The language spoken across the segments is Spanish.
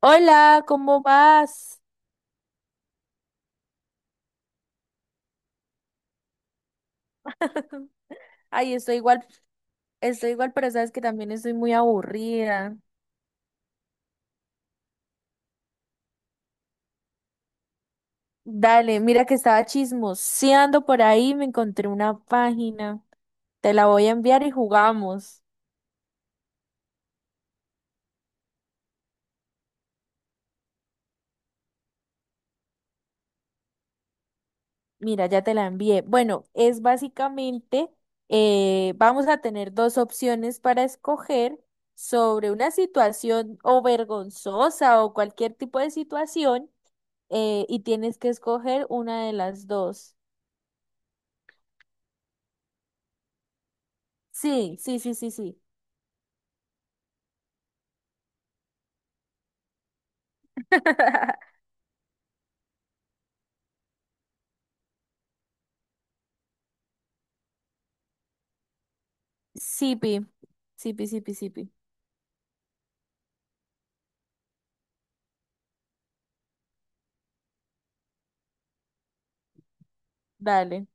Hola, ¿cómo vas? Ay, estoy igual, pero sabes que también estoy muy aburrida. Dale, mira que estaba chismoseando por ahí, me encontré una página. Te la voy a enviar y jugamos. Mira, ya te la envié. Bueno, es básicamente, vamos a tener dos opciones para escoger sobre una situación o vergonzosa o cualquier tipo de situación, y tienes que escoger una de las dos. Sí, sí, sí, sí, sí. Sipi, sipi, sipi, sipi. Dale.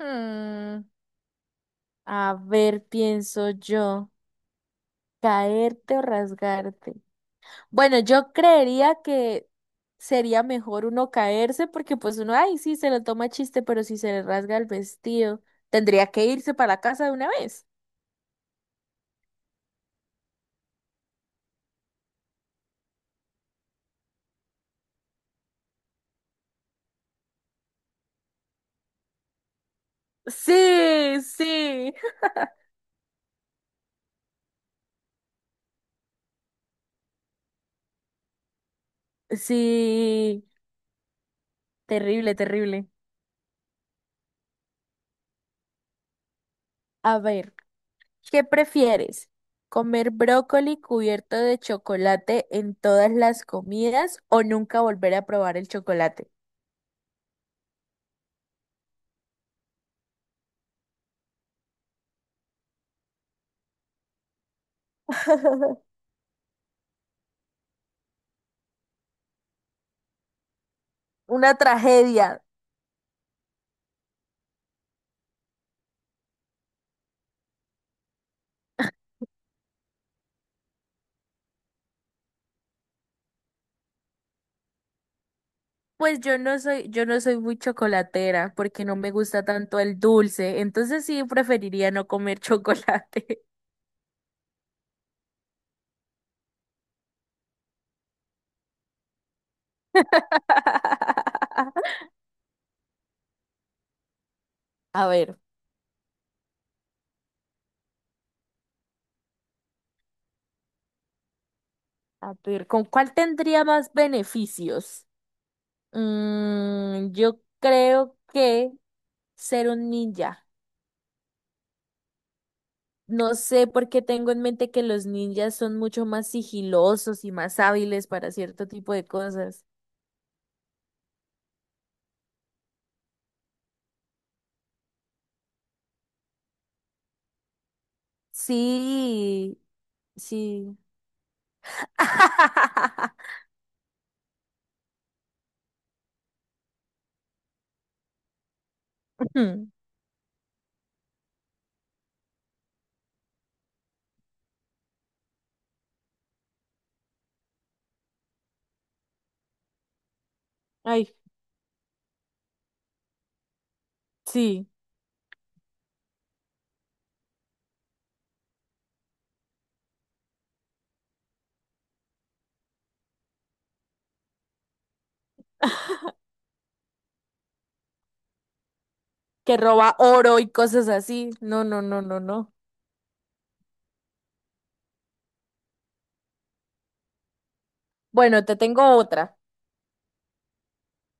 Mm, a ver, pienso yo, caerte o rasgarte. Bueno, yo creería que sería mejor uno caerse porque pues uno, ay, sí, se lo toma chiste, pero si se le rasga el vestido, tendría que irse para la casa de una vez. Sí, sí. Sí, terrible, terrible. A ver. ¿Qué prefieres? ¿Comer brócoli cubierto de chocolate en todas las comidas o nunca volver a probar el chocolate? Una tragedia. Pues yo no soy muy chocolatera porque no me gusta tanto el dulce, entonces sí preferiría no comer chocolate. A ver, a ver, ¿con cuál tendría más beneficios? Mm, yo creo que ser un ninja. No sé por qué tengo en mente que los ninjas son mucho más sigilosos y más hábiles para cierto tipo de cosas. Sí, sí. Ay, sí, que roba oro y cosas así. No, no, no, no, no. Bueno, te tengo otra.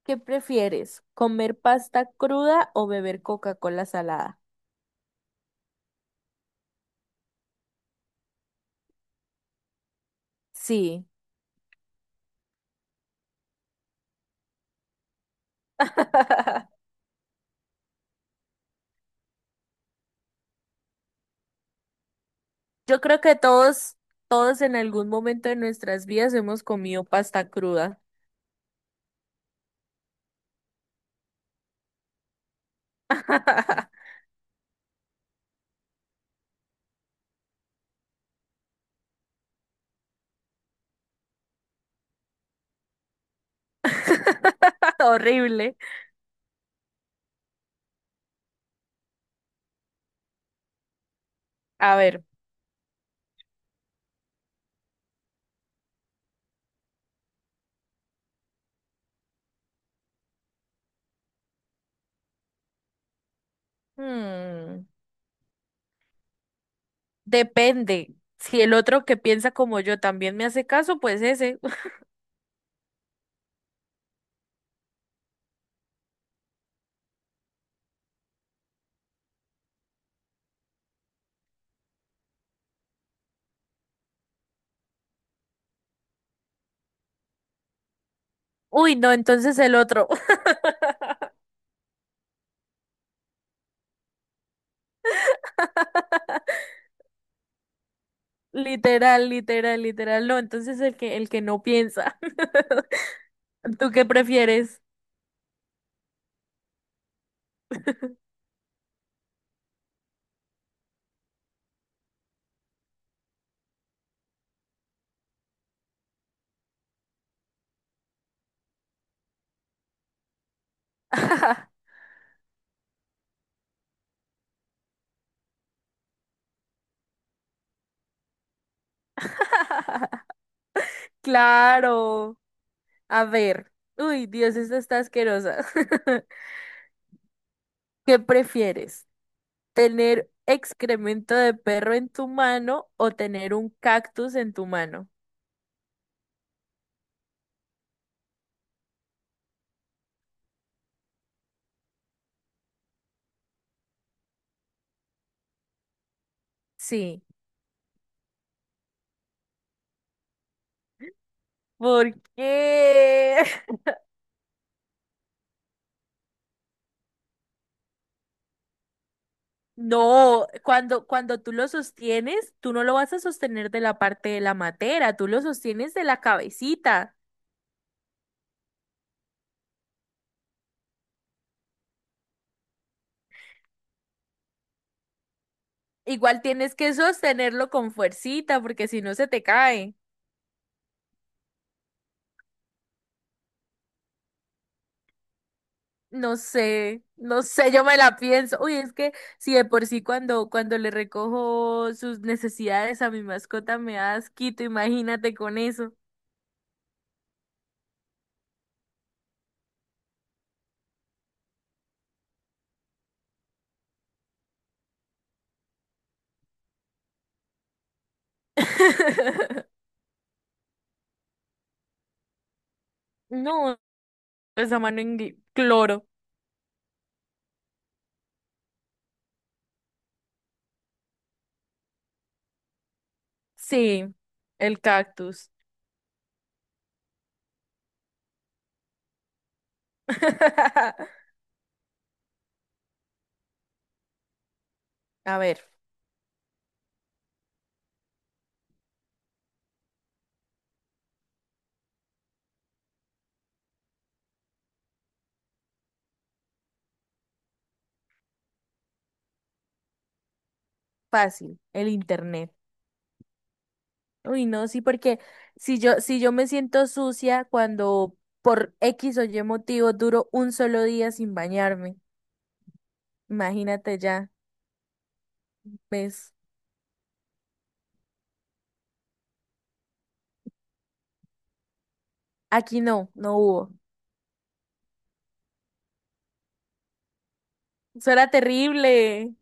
¿Qué prefieres? ¿Comer pasta cruda o beber Coca-Cola salada? Sí. Yo creo que todos en algún momento de nuestras vidas hemos comido pasta cruda. Horrible. A ver, hmm, depende. Si el otro que piensa como yo también me hace caso, pues ese. Uy, no, entonces el otro. Literal, literal, literal. No, entonces el que no piensa. ¿Tú qué prefieres? Claro. A ver. Uy, Dios, esta está asquerosa. ¿Qué prefieres? ¿Tener excremento de perro en tu mano o tener un cactus en tu mano? Sí. ¿Por qué? No, cuando tú lo sostienes, tú no lo vas a sostener de la parte de la matera, tú lo sostienes de la cabecita. Igual tienes que sostenerlo con fuercita porque si no se te cae. No sé, no sé, yo me la pienso. Uy, es que si de por sí cuando le recojo sus necesidades a mi mascota me da asquito, imagínate con eso. No, esa mano en gui- cloro. Sí, el cactus. A ver, fácil, el internet. Uy, no, sí, porque si yo me siento sucia cuando por X o Y motivo duro un solo día sin bañarme, imagínate ya, ¿ves? Aquí no, no hubo. Eso era terrible.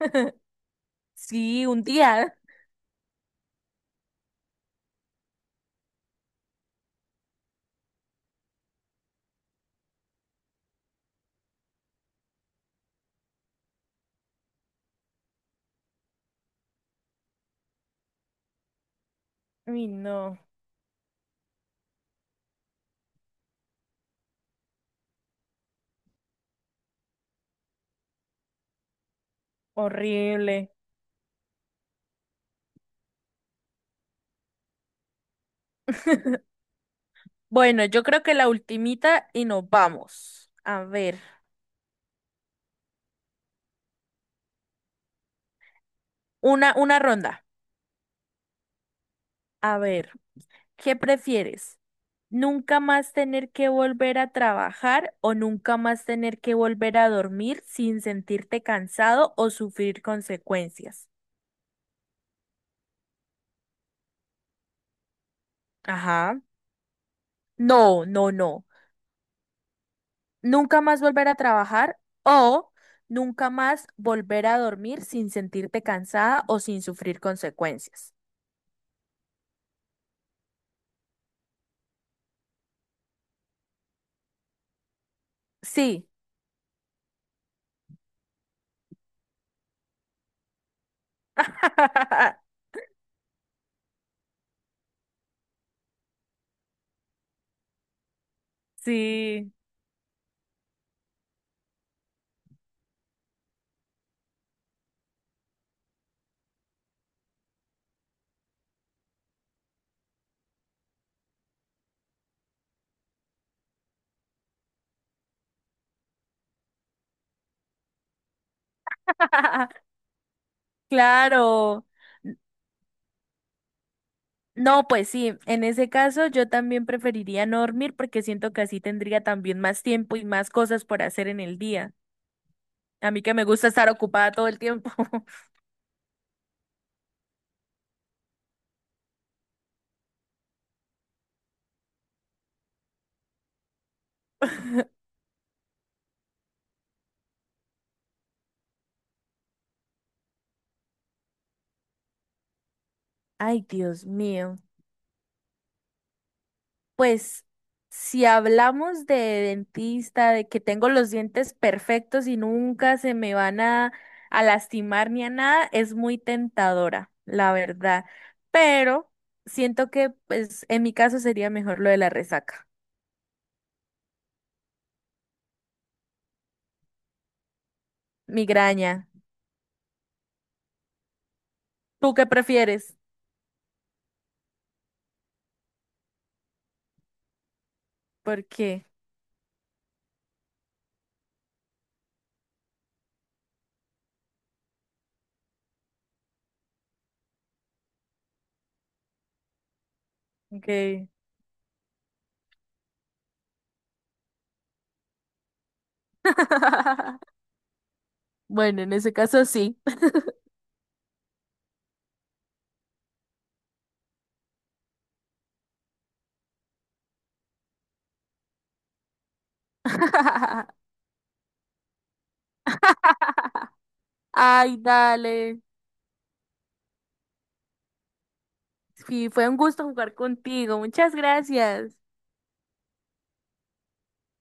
Sí, un día. Uy, no, horrible. Bueno, yo creo que la ultimita y nos vamos. A ver, una ronda. A ver, ¿qué prefieres? ¿Nunca más tener que volver a trabajar o nunca más tener que volver a dormir sin sentirte cansado o sufrir consecuencias? Ajá. No, no, no. Nunca más volver a trabajar o nunca más volver a dormir sin sentirte cansada o sin sufrir consecuencias. Sí, sí, claro. N- No, pues sí, en ese caso yo también preferiría no dormir porque siento que así tendría también más tiempo y más cosas por hacer en el día. A mí que me gusta estar ocupada todo el tiempo. Ay, Dios mío. Pues si hablamos de dentista, de que tengo los dientes perfectos y nunca se me van a lastimar ni a nada, es muy tentadora, la verdad. Pero siento que pues en mi caso sería mejor lo de la resaca, migraña. ¿Tú qué prefieres? ¿Por qué? Okay. Bueno, en ese caso sí. Ay, dale. Sí, fue un gusto jugar contigo. Muchas gracias.